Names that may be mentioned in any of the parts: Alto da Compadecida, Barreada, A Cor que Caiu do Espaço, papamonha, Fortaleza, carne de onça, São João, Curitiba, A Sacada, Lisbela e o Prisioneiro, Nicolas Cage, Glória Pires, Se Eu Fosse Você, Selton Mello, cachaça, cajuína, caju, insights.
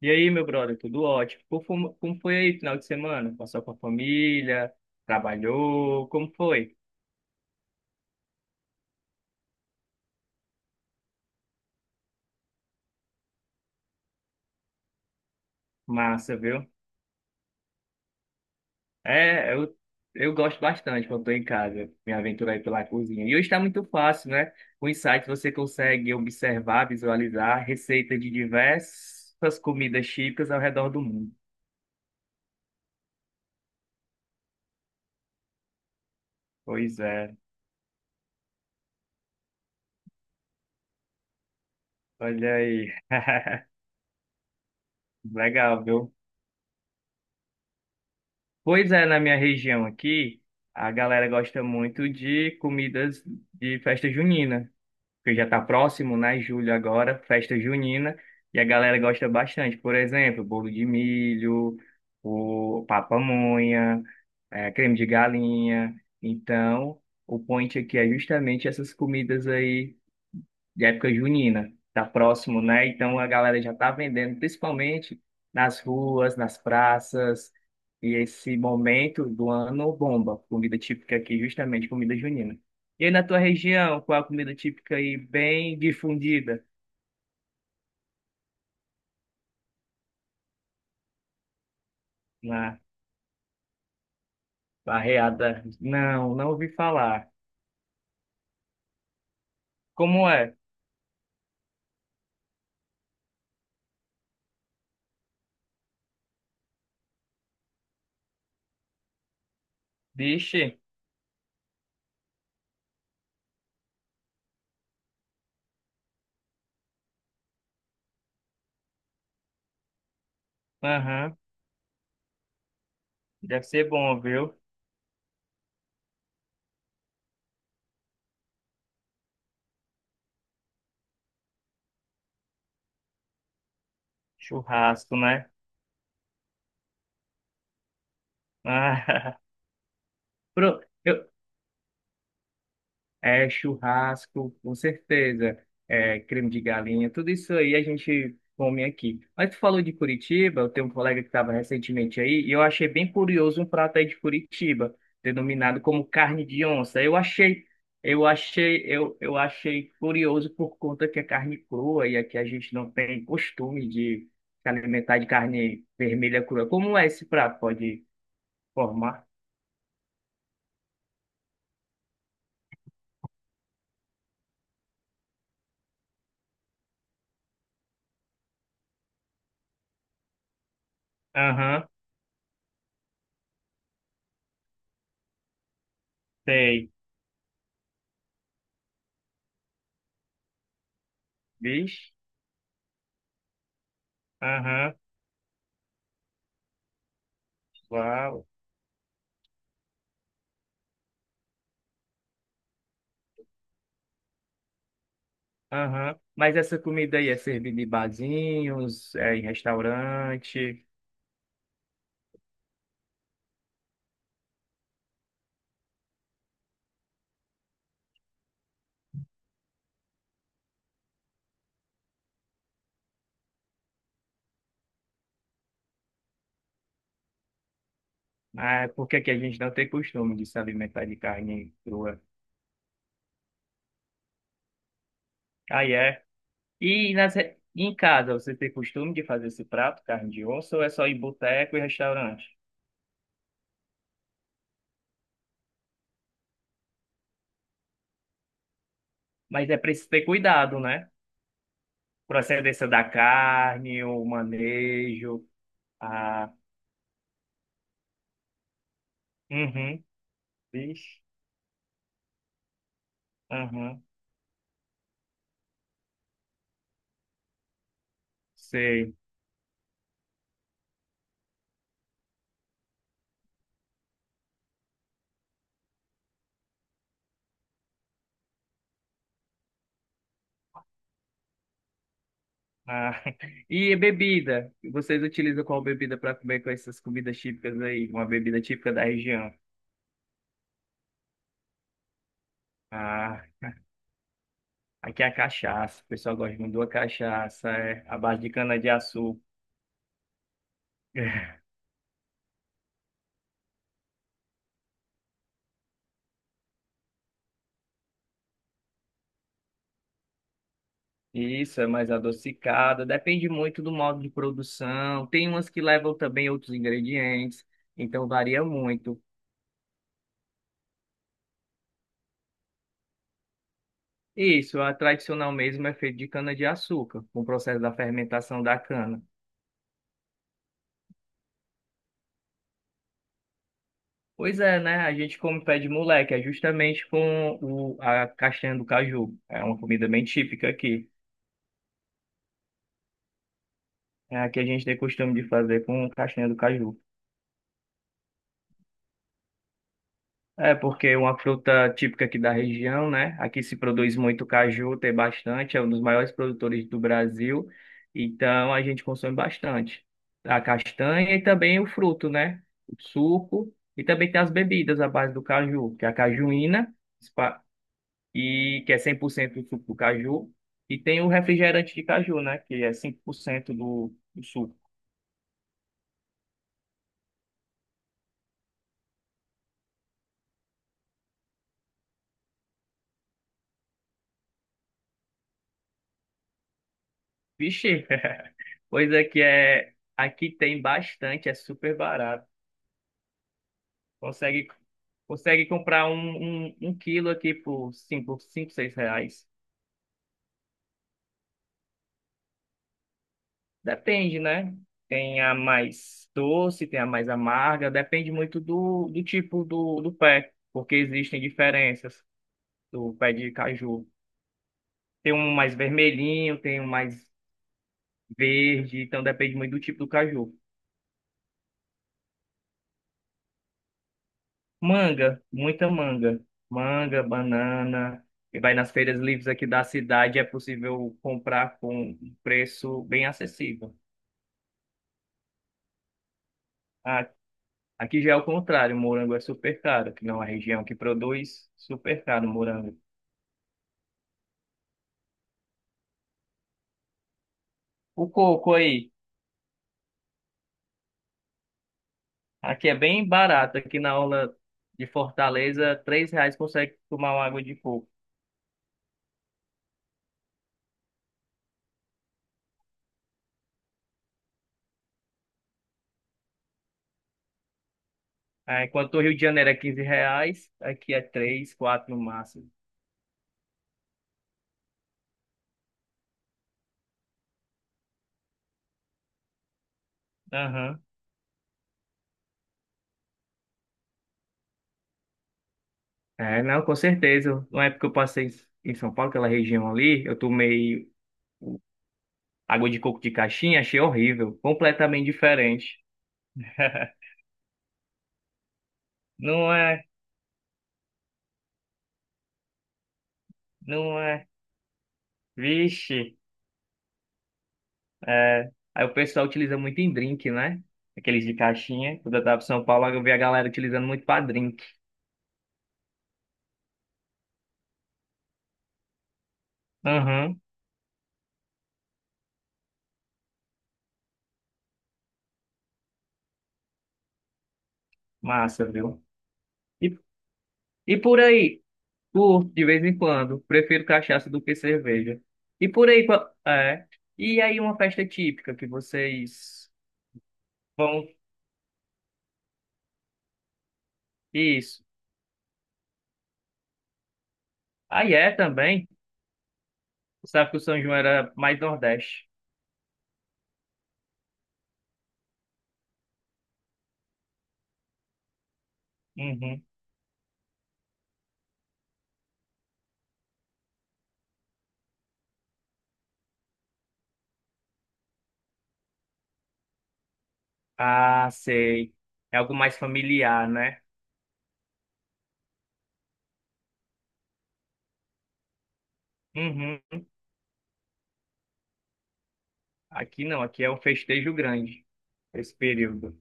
E aí, meu brother, tudo ótimo? Como foi aí final de semana? Passou com a família? Trabalhou? Como foi? Massa, viu? É, eu gosto bastante quando estou em casa, me aventurar aí pela cozinha. E hoje está muito fácil, né? Com o insights você consegue observar, visualizar receitas de diversas comidas típicas ao redor do mundo. Pois é, olha aí. Legal, viu? Pois é, na minha região aqui, a galera gosta muito de comidas de festa junina, porque já está próximo, né? Julho agora, festa junina, e a galera gosta bastante. Por exemplo, bolo de milho, o papamonha, creme de galinha. Então, o point aqui é justamente essas comidas aí de época junina, tá próximo, né? Então a galera já tá vendendo, principalmente nas ruas, nas praças, e esse momento do ano bomba, comida típica aqui, justamente comida junina. E aí na tua região, qual é a comida típica aí bem difundida na Barreada? Não, não ouvi falar. Como é? Vixe, aham, deve ser bom, viu? Churrasco, né? Ah, pro- eu- É, churrasco, com certeza. É, creme de galinha, tudo isso aí a gente come aqui. Mas tu falou de Curitiba, eu tenho um colega que estava recentemente aí, e eu achei bem curioso um prato aí de Curitiba, denominado como carne de onça. Eu achei curioso por conta que é carne crua, e aqui a gente não tem costume de se alimentar de carne vermelha crua. Como é esse prato? Pode formar? Aham, tem. Vixe, aham, uau. Aham. Mas essa comida aí é servida em barzinhos, é em restaurante. Ah, por que que a gente não tem costume de se alimentar de carne crua? Aí é. E em casa, você tem costume de fazer esse prato, carne de osso, ou é só em boteco e restaurante? Mas é preciso ter cuidado, né? Procedência da carne, o manejo. Ah, uhum. Vixe. Aham. Sei. Ah, e bebida? Vocês utilizam qual bebida para comer com essas comidas típicas aí? Uma bebida típica da região. Ah, aqui é a cachaça. O pessoal gosta muito da cachaça, é a base de cana-de-açúcar. Isso, é mais adocicada. Depende muito do modo de produção. Tem umas que levam também outros ingredientes, então varia muito. Isso, a tradicional mesmo é feita de cana-de-açúcar, com o processo da fermentação da cana. Pois é, né? A gente come pé de moleque, é justamente a castanha do caju. É uma comida bem típica aqui. É, aqui a gente tem costume de fazer com castanha do caju. É porque é uma fruta típica aqui da região, né? Aqui se produz muito caju, tem bastante, é um dos maiores produtores do Brasil, então a gente consome bastante. A castanha e também o fruto, né? O suco, e também tem as bebidas à base do caju, que é a cajuína. E que é 100% do suco do caju, e tem o refrigerante de caju, né, que é 5% do suco. Vixe, coisa que é aqui tem bastante, é super barato. Consegue consegue comprar um quilo aqui por 5, 5, 6 reais. Depende, né? Tem a mais doce, tem a mais amarga, depende muito do tipo do pé, porque existem diferenças do pé de caju. Tem um mais vermelhinho, tem um mais verde, então depende muito do tipo do caju. Manga, muita manga. Manga, banana. E vai nas feiras livres aqui da cidade, é possível comprar com um preço bem acessível. A- Aqui já é o contrário, o morango é super caro, que não é a região que produz, super caro o morango. O coco aí, aqui é bem barato, aqui na aula de Fortaleza, R$ 3 consegue tomar uma água de coco. Ah, enquanto o Rio de Janeiro é R$ 15, aqui é 3 4 no máximo. Aham. É, não, com certeza. Na época que eu passei em São Paulo, aquela região ali, eu tomei água de coco de caixinha, achei horrível, completamente diferente. Não é, não é. Vixe, é. Aí o pessoal utiliza muito em drink, né? Aqueles de caixinha. Quando eu tava em São Paulo, eu vi a galera utilizando muito pra drink. Aham, massa, viu? E, e por aí, curto de vez em quando. Prefiro cachaça do que cerveja. E por aí, é. E aí uma festa típica que vocês vão. Isso. Aí é também. Sabe que o São João era mais Nordeste. Uhum. Ah, sei. É algo mais familiar, né? Uhum. Aqui não, aqui é um festejo grande, esse período.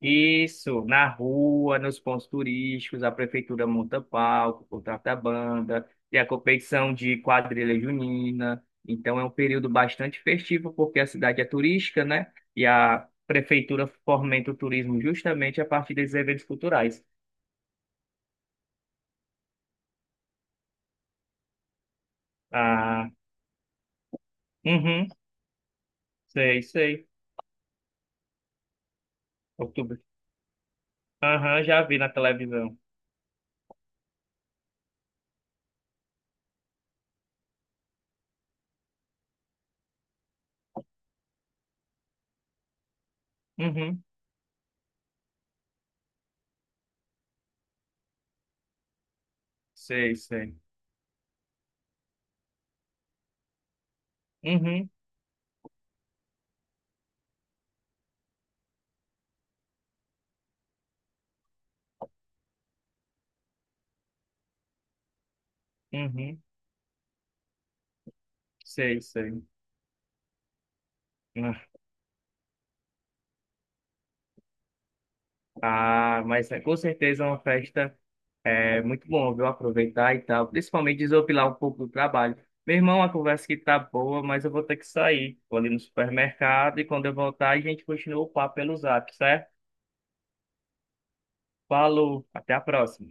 Isso, na rua, nos pontos turísticos, a prefeitura monta palco, contrata banda, tem a competição de quadrilha junina. Então é um período bastante festivo, porque a cidade é turística, né? E a prefeitura fomenta o turismo justamente a partir desses eventos culturais. Ah, uhum, sei, sei. Outubro. Aham, já vi na televisão. Uhum, sei, sei. Uhum, uhum, sei, sei. Ah, mas é com certeza é uma festa. É muito bom, viu? Aproveitar e tal. Principalmente desopilar um pouco do trabalho. Meu irmão, a conversa que tá boa, mas eu vou ter que sair. Vou ali no supermercado e quando eu voltar, a gente continua o papo pelo zap, certo? Falou, até a próxima.